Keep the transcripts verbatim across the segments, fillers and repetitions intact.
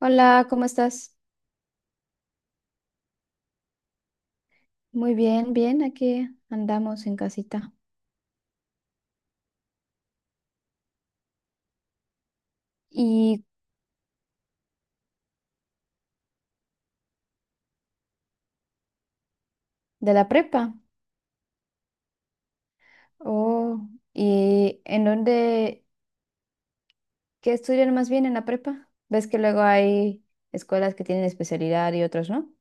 Hola, ¿cómo estás? Muy bien, bien, aquí andamos en casita. ¿Y de la prepa? Oh, ¿y en dónde, qué estudian más bien en la prepa? ¿Ves que luego hay escuelas que tienen especialidad y otras no?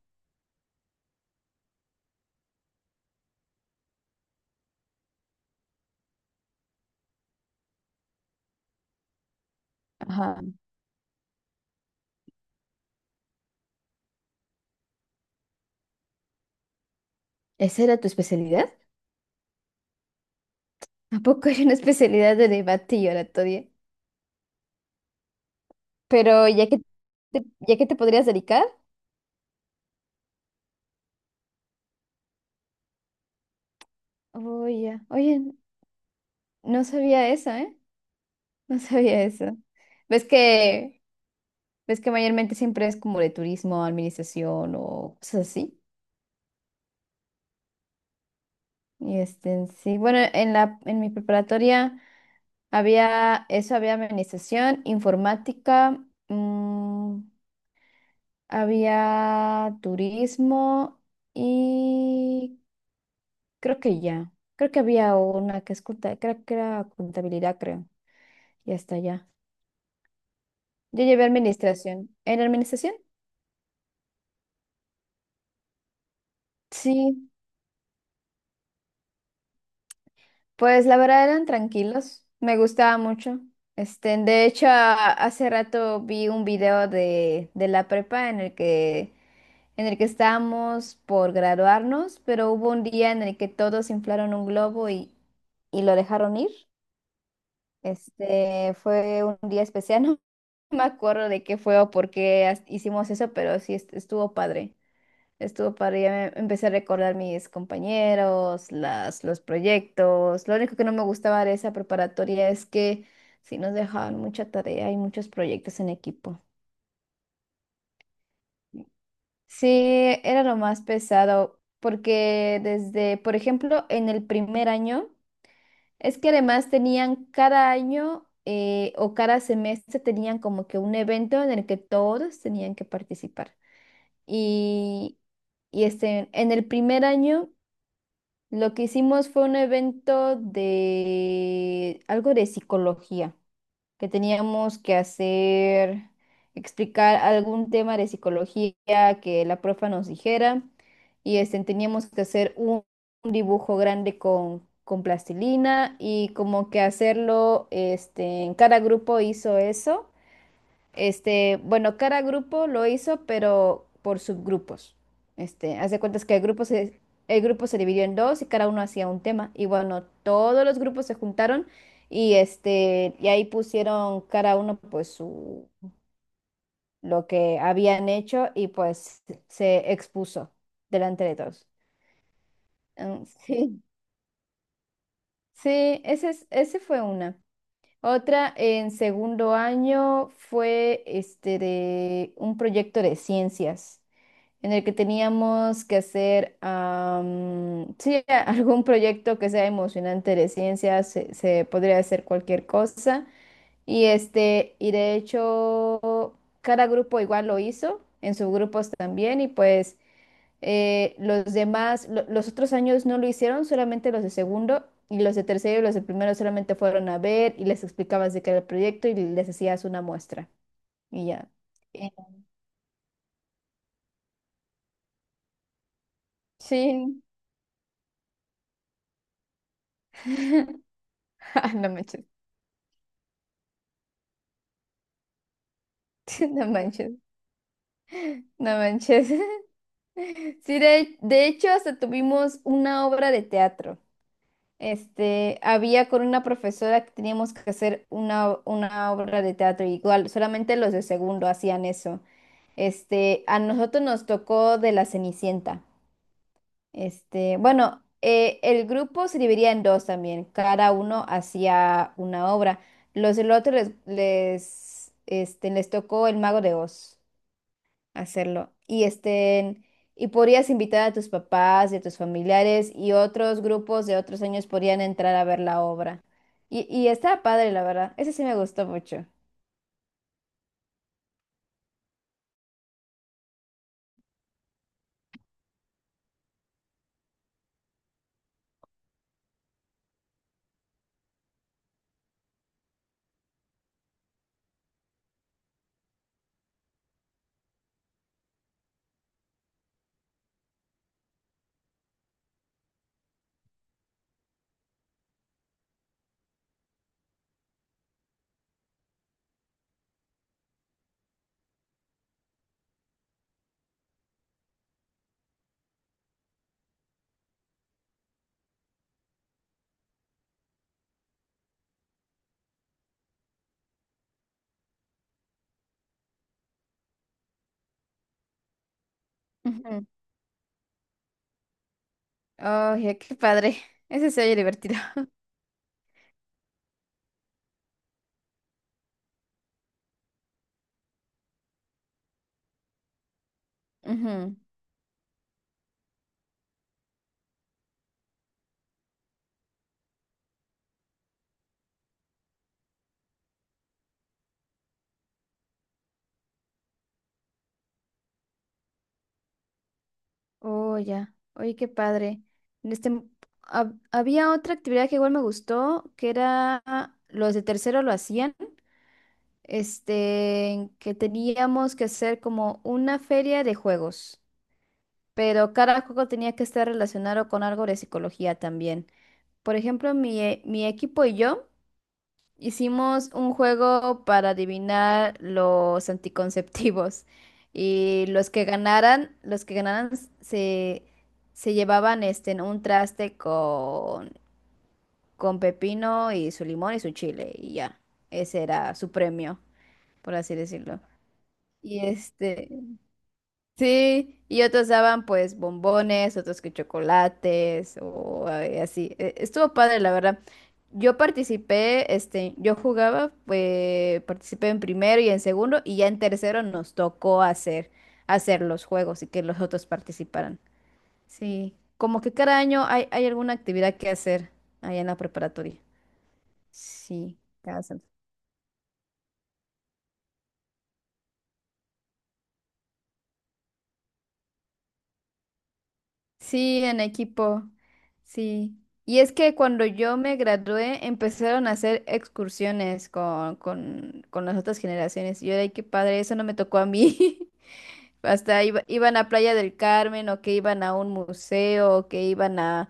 Ajá. ¿Esa era tu especialidad? ¿A poco hay una especialidad de debate y oratoria? Pero ya que te, ya que te podrías dedicar. Oye, oye, no sabía eso, ¿eh? No sabía eso. ¿Ves que... Ves que mayormente siempre es como de turismo, administración o cosas así. Y este, sí, bueno, en la, en mi preparatoria había eso, había administración, informática, mm, había turismo y creo que ya. Creo que había una que es conta- creo que era contabilidad, creo. Y hasta ya. Yo llevé administración. ¿En administración? Sí. Pues la verdad eran tranquilos, me gustaba mucho. Este, de hecho, a- hace rato vi un video de, de la prepa en el que, en el que estábamos por graduarnos, pero hubo un día en el que todos inflaron un globo y, y lo dejaron ir. Este, fue un día especial, no me acuerdo de qué fue o por qué as- hicimos eso, pero sí est- estuvo padre. Estuvo padre, ya me empecé a recordar mis compañeros, las, los proyectos. Lo único que no me gustaba de esa preparatoria es que sí nos dejaban mucha tarea y muchos proyectos en equipo. Sí, era lo más pesado, porque desde, por ejemplo, en el primer año, es que además tenían cada año eh, o cada semestre tenían como que un evento en el que todos tenían que participar. Y, y este, en el primer año... Lo que hicimos fue un evento de algo de psicología, que teníamos que hacer, explicar algún tema de psicología que la profa nos dijera y este, teníamos que hacer un, un dibujo grande con, con plastilina y como que hacerlo, este, en cada grupo hizo eso este, bueno, cada grupo lo hizo, pero por subgrupos. Este, haz de cuentas que el grupo se, el grupo se dividió en dos y cada uno hacía un tema. Y bueno, todos los grupos se juntaron y este, y ahí pusieron cada uno pues su, lo que habían hecho y pues se expuso delante de todos. Mm, sí, sí, ese es, ese fue una. Otra en segundo año fue este de un proyecto de ciencias en el que teníamos que hacer am, sí, algún proyecto que sea emocionante de ciencia, se, se podría hacer cualquier cosa. Y este, y de hecho, cada grupo igual lo hizo, en sus grupos también, y pues eh, los demás, lo- los otros años no lo hicieron, solamente los de segundo. Y los de tercero y los de primero solamente fueron a ver y les explicabas de qué era el proyecto y les hacías una muestra. Y ya. Eh, sí. Ah, no me no manches, no manches. Sí, de, de hecho, hasta tuvimos una obra de teatro. Este, había con una profesora que teníamos que hacer una, una obra de teatro, igual, solamente los de segundo hacían eso. Este, a nosotros nos tocó de la Cenicienta. Este, bueno, eh, el grupo se dividía en dos también, cada uno hacía una obra. Los del otro les, les, este, les tocó el Mago de Oz hacerlo. Y estén, y podrías invitar a tus papás y a tus familiares y otros grupos de otros años podrían entrar a ver la obra. Y, y está padre, la verdad. Ese sí me gustó mucho. Ujú, oye, qué padre. Ese se oye divertido. Ujú. Oh, ya. Oye, qué padre. Este, hab- había otra actividad que igual me gustó, que era los de tercero lo hacían, este, que teníamos que hacer como una feria de juegos. Pero cada juego tenía que estar relacionado con algo de psicología también. Por ejemplo, mi, e- mi equipo y yo hicimos un juego para adivinar los anticonceptivos. Y los que ganaran, los que ganaran se, se llevaban este, en un traste con, con pepino y su limón y su chile. Y ya, ese era su premio, por así decirlo. Y este, sí, y otros daban pues bombones, otros que chocolates o eh, así. Eh, Estuvo padre, la verdad. Yo participé, este, yo jugaba, eh, participé en primero y en segundo y ya en tercero nos tocó hacer, hacer los juegos y que los otros participaran. Sí, como que cada año hay, hay alguna actividad que hacer allá en la preparatoria. Sí, cada sí, en equipo, sí. Y es que cuando yo me gradué empezaron a hacer excursiones con, con, con las otras generaciones. Y yo, ay, qué padre, eso no me tocó a mí. Hasta iba- iban a Playa del Carmen o que iban a un museo o que iban a,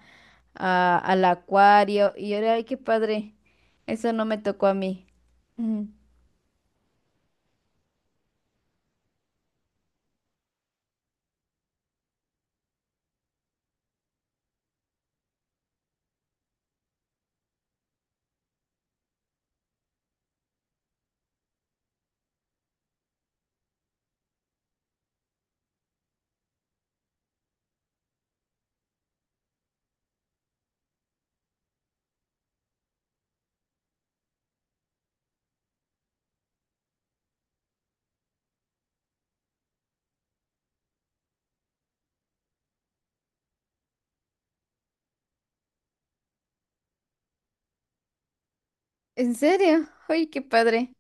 a- al acuario. Y yo, ay, qué padre, eso no me tocó a mí. Ujú. ¿En serio? Ay, qué padre.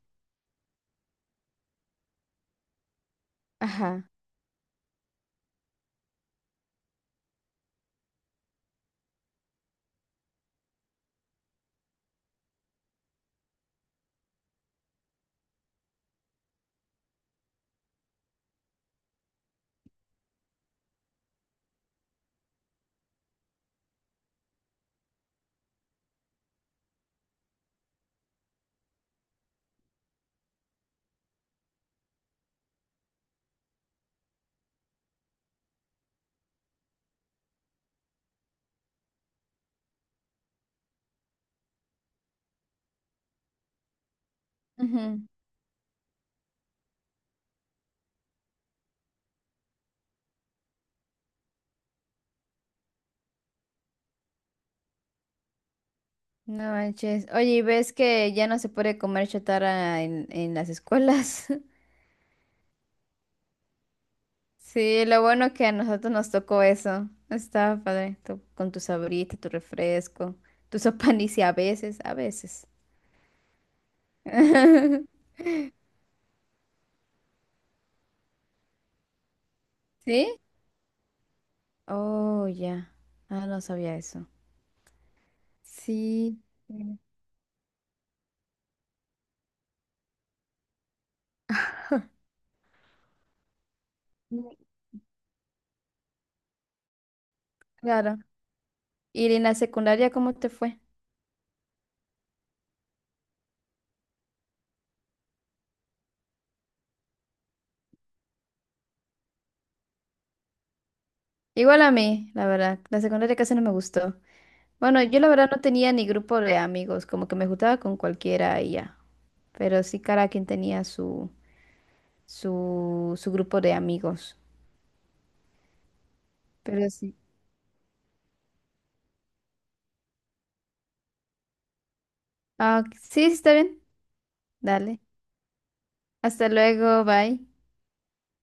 Ajá. No manches. Oye, ¿y ves que ya no se puede comer chatarra en, en las escuelas? Sí, lo bueno que a nosotros nos tocó eso. Estaba padre, tú- con tu sabrita, tu refresco, tu sopanicia a veces, a veces. ¿Sí? Oh, ya. Ah, no sabía eso. Sí. Mm, claro. ¿Y en la secundaria cómo te fue? Igual a mí, la verdad. La secundaria casi no me gustó. Bueno, yo la verdad no tenía ni grupo de amigos, como que me juntaba con cualquiera y ya. Pero sí cada quien tenía su, su, su grupo de amigos. Pero sí. Ah, ok. Sí, sí, está bien. Dale. Hasta luego, bye.